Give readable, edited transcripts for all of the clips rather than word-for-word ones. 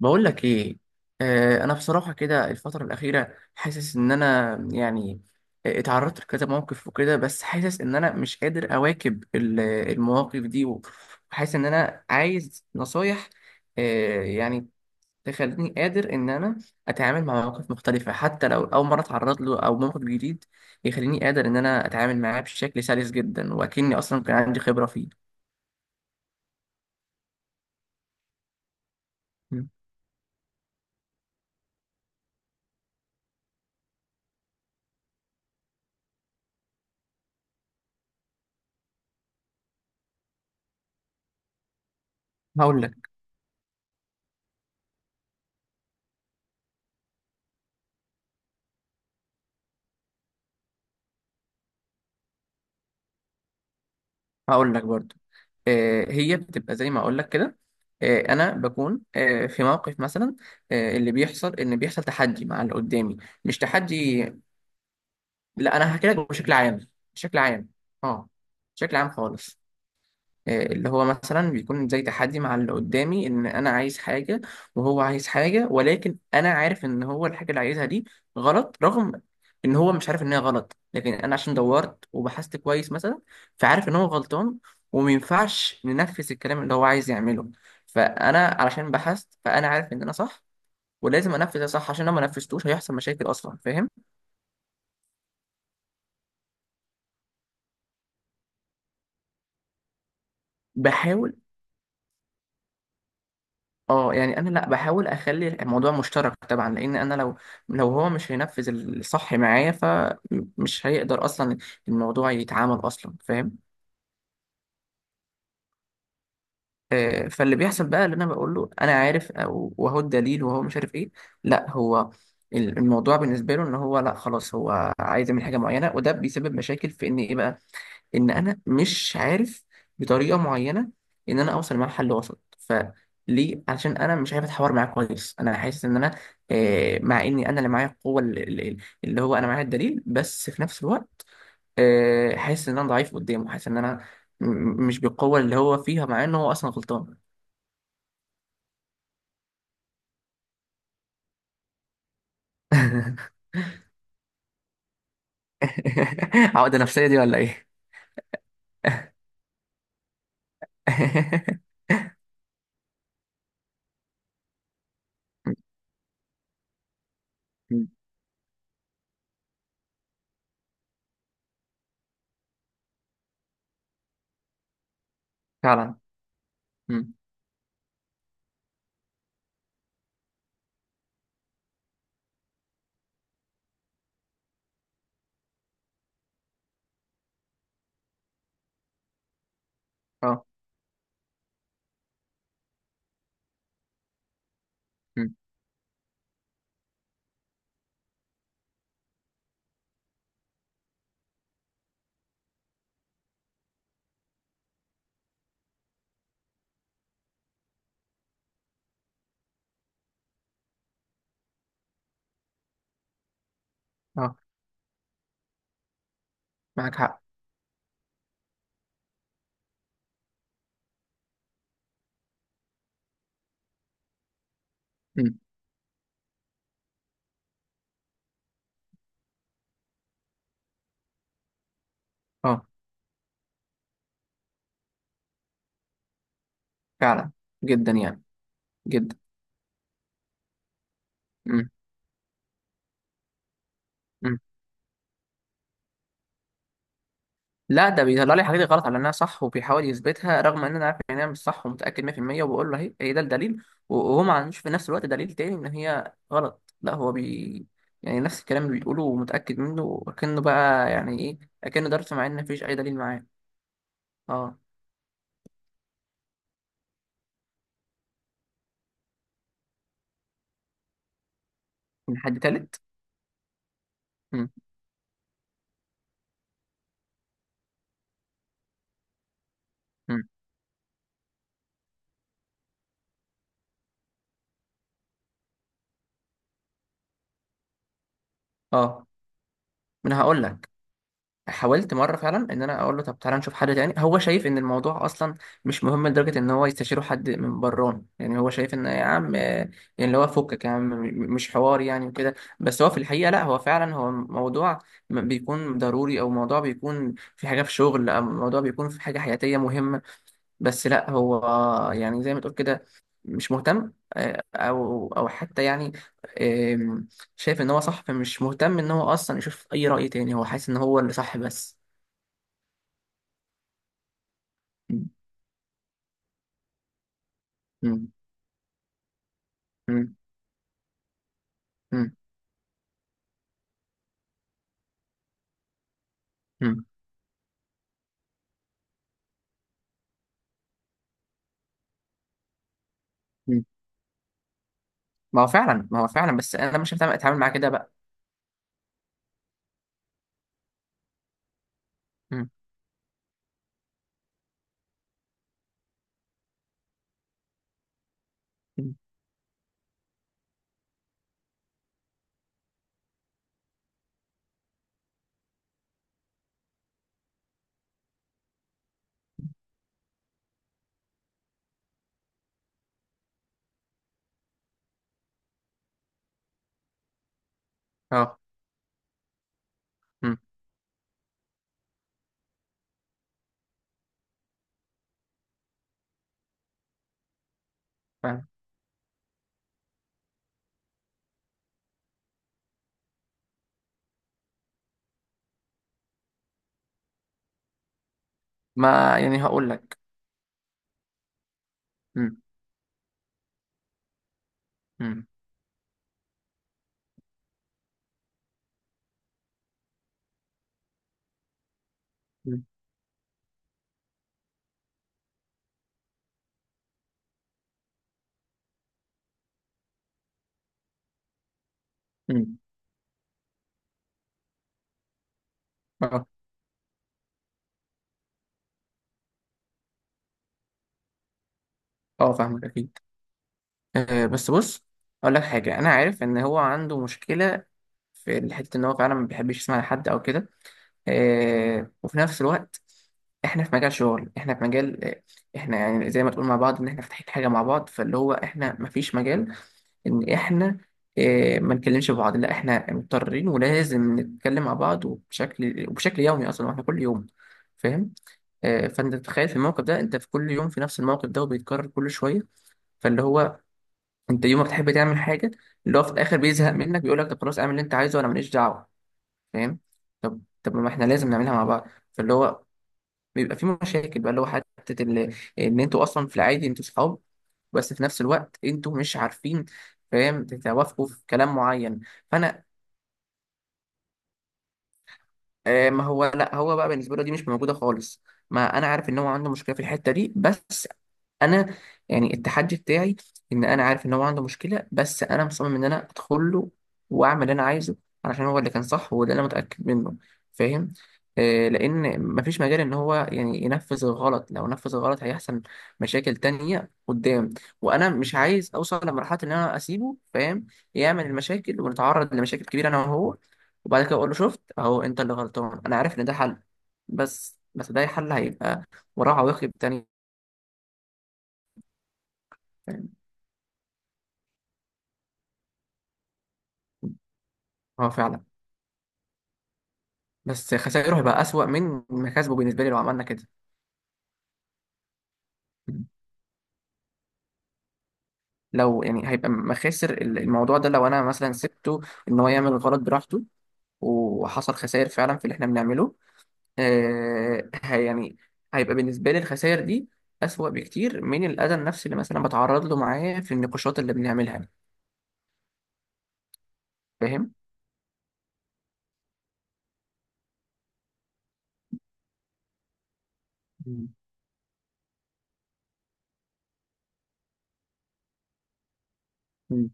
بقول لك ايه. انا بصراحه كده الفتره الاخيره حاسس ان انا يعني، اتعرضت لكذا موقف وكده، بس حاسس ان انا مش قادر اواكب المواقف دي، وحاسس ان انا عايز نصايح يعني تخليني قادر ان انا اتعامل مع مواقف مختلفه، حتى لو اول مره اتعرض له او موقف جديد، يخليني قادر ان انا اتعامل معاه بشكل سلس جدا، واكني اصلا كان عندي خبره فيه. هقول لك هقول لك برضو. هي بتبقى زي ما اقول لك كده. انا بكون، في موقف مثلا، اللي بيحصل ان بيحصل تحدي مع اللي قدامي. مش تحدي. لا، انا هحكي لك بشكل عام. بشكل عام. اه، بشكل عام خالص. اللي هو مثلا بيكون زي تحدي مع اللي قدامي، ان انا عايز حاجة وهو عايز حاجة، ولكن انا عارف ان هو الحاجة اللي عايزها دي غلط، رغم ان هو مش عارف ان هي غلط، لكن انا عشان دورت وبحثت كويس مثلا فعارف ان هو غلطان، ومينفعش ننفذ الكلام اللي هو عايز يعمله. فانا علشان بحثت فانا عارف ان انا صح، ولازم انفذ ده صح، عشان لو ما نفذتوش هيحصل مشاكل اصلا. فاهم؟ بحاول. اه يعني، انا لا بحاول اخلي الموضوع مشترك طبعا، لان انا لو، هو مش هينفذ الصح معايا فمش هيقدر اصلا الموضوع يتعامل اصلا. فاهم؟ فاللي بيحصل بقى اللي انا بقول له انا عارف او وهو الدليل، وهو مش عارف ايه. لا، هو الموضوع بالنسبه له ان هو لا خلاص، هو عايز يعمل حاجه معينه، وده بيسبب مشاكل في ان ايه بقى، ان انا مش عارف بطريقه معينه ان انا اوصل مع حل وسط. فليه؟ عشان انا مش عارف اتحاور معاه كويس، انا حاسس ان انا، مع اني انا اللي معايا القوه اللي هو انا معايا الدليل، بس في نفس الوقت حاسس ان انا ضعيف قدامه، حاسس ان انا مش بالقوه اللي هو فيها، مع انه هو اصلا غلطان. عقده نفسيه دي ولا ايه؟ مم. فعلا. مم. اه. مم. اه. معاك حق. مم. اه. فعلا. جدا يعني. جدا. مم. لا، ده بيطلع لي حاجات غلط على انها صح، وبيحاول يثبتها رغم ان انا عارف ان هي مش صح ومتاكد 100%، وبقول له هي، ده الدليل، و- وهو ما عندوش في نفس الوقت دليل تاني ان هي غلط. لا، هو بي، يعني نفس الكلام اللي بيقوله ومتاكد منه وكأنه بقى يعني ايه، اكنه درس، مع ان مفيش اي دليل معاه. اه، من حد تالت. مم. مم. اه. ما انا هقول لك، حاولت مره فعلا ان انا اقول له طب تعالى نشوف حد تاني. هو شايف ان الموضوع اصلا مش مهم لدرجه ان هو يستشيره حد من بران، يعني هو شايف ان يا عم، يعني اللي هو فكك يا عم، مش حوار يعني وكده، بس هو في الحقيقه لا، هو فعلا هو موضوع بيكون ضروري، او موضوع بيكون في حاجه في شغل، او موضوع بيكون في حاجه حياتيه مهمه، بس لا، هو يعني زي ما تقول كده مش مهتم، او حتى يعني، آم، شايف ان هو صح فمش مهتم ان هو اصلا يشوف اي رأي تاني. هو حاسس ان هو اللي صح بس. مم. مم. مم. مم. مم. مم. ما هو فعلا، بس انا مش اتعامل معاه كده بقى. مم. مم. اه. مم. فاهم. ما يعني هقول لك. مم. مم. مم. مم. اه. اه، فاهمك اكيد. آه، بس بص، اقول لك حاجه. انا عارف ان هو عنده مشكله في الحته، ان هو فعلا ما بيحبش يسمع لحد او كده. آه، وفي نفس الوقت احنا في مجال شغل، احنا في مجال، احنا يعني زي ما تقول مع بعض ان احنا فاتحين حاجه مع بعض، فاللي هو احنا ما فيش مجال ان احنا ما نكلمش بعض. لا، احنا مضطرين ولازم نتكلم مع بعض، وبشكل يومي اصلا، واحنا كل يوم. فاهم؟ فانت تتخيل في الموقف ده، انت في كل يوم في نفس الموقف ده وبيتكرر كل شويه. فاللي هو انت يوم ما بتحب تعمل حاجه، اللي هو في الاخر بيزهق منك، بيقول لك طب خلاص اعمل اللي انت عايزه وانا ماليش دعوه. فاهم؟ طب، ما احنا لازم نعملها مع بعض. فاللي هو بيبقى في مشاكل بقى، اللي هو حتة ان انتوا اصلا في العادي انتوا صحاب، بس في نفس الوقت انتوا مش عارفين، فاهم، تتوافقوا في كلام معين. فانا، ما هو لا، هو بقى بالنسبه له دي مش موجوده خالص. ما انا عارف ان هو عنده مشكله في الحته دي، بس انا يعني التحدي بتاعي ان انا عارف ان هو عنده مشكله، بس انا مصمم ان انا ادخل له واعمل اللي انا عايزه، علشان هو اللي كان صح وده اللي انا متاكد منه. فاهم؟ آه، لان مفيش مجال ان هو يعني ينفذ الغلط. لو نفذ الغلط هيحصل مشاكل تانية قدام، وانا مش عايز اوصل لمرحله ان انا اسيبه، فاهم، يعمل المشاكل ونتعرض لمشاكل كبيره انا وهو، وبعد كده اقول له شفت اهو انت اللي غلطان. انا عارف ان ده حل، بس، ده حل هيبقى وراه عواقب تانية. فاهم؟ اه فعلا، بس خسائره هيبقى اسوأ من مكاسبه بالنسبه لي لو عملنا كده. لو يعني هيبقى مخاسر الموضوع ده، لو انا مثلا سبته ان هو يعمل غلط براحته وحصل خسائر فعلا في اللي احنا بنعمله، آه، يعني هيبقى بالنسبه لي الخسائر دي اسوأ بكتير من الاذى النفسي اللي مثلا بتعرض له معاه في النقاشات اللي بنعملها. فاهم؟ مم. مم.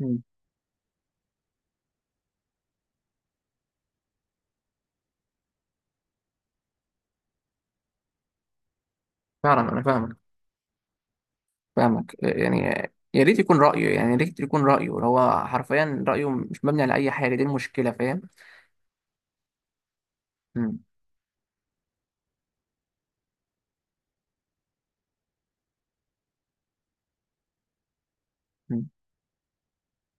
مم. فعلا، انا فاهمك. فاهمك يعني، يا ريت يكون رأيه هو حرفيا رأيه، مش مبني على أي حاجة. دي المشكلة. فاهم؟ مم. مم.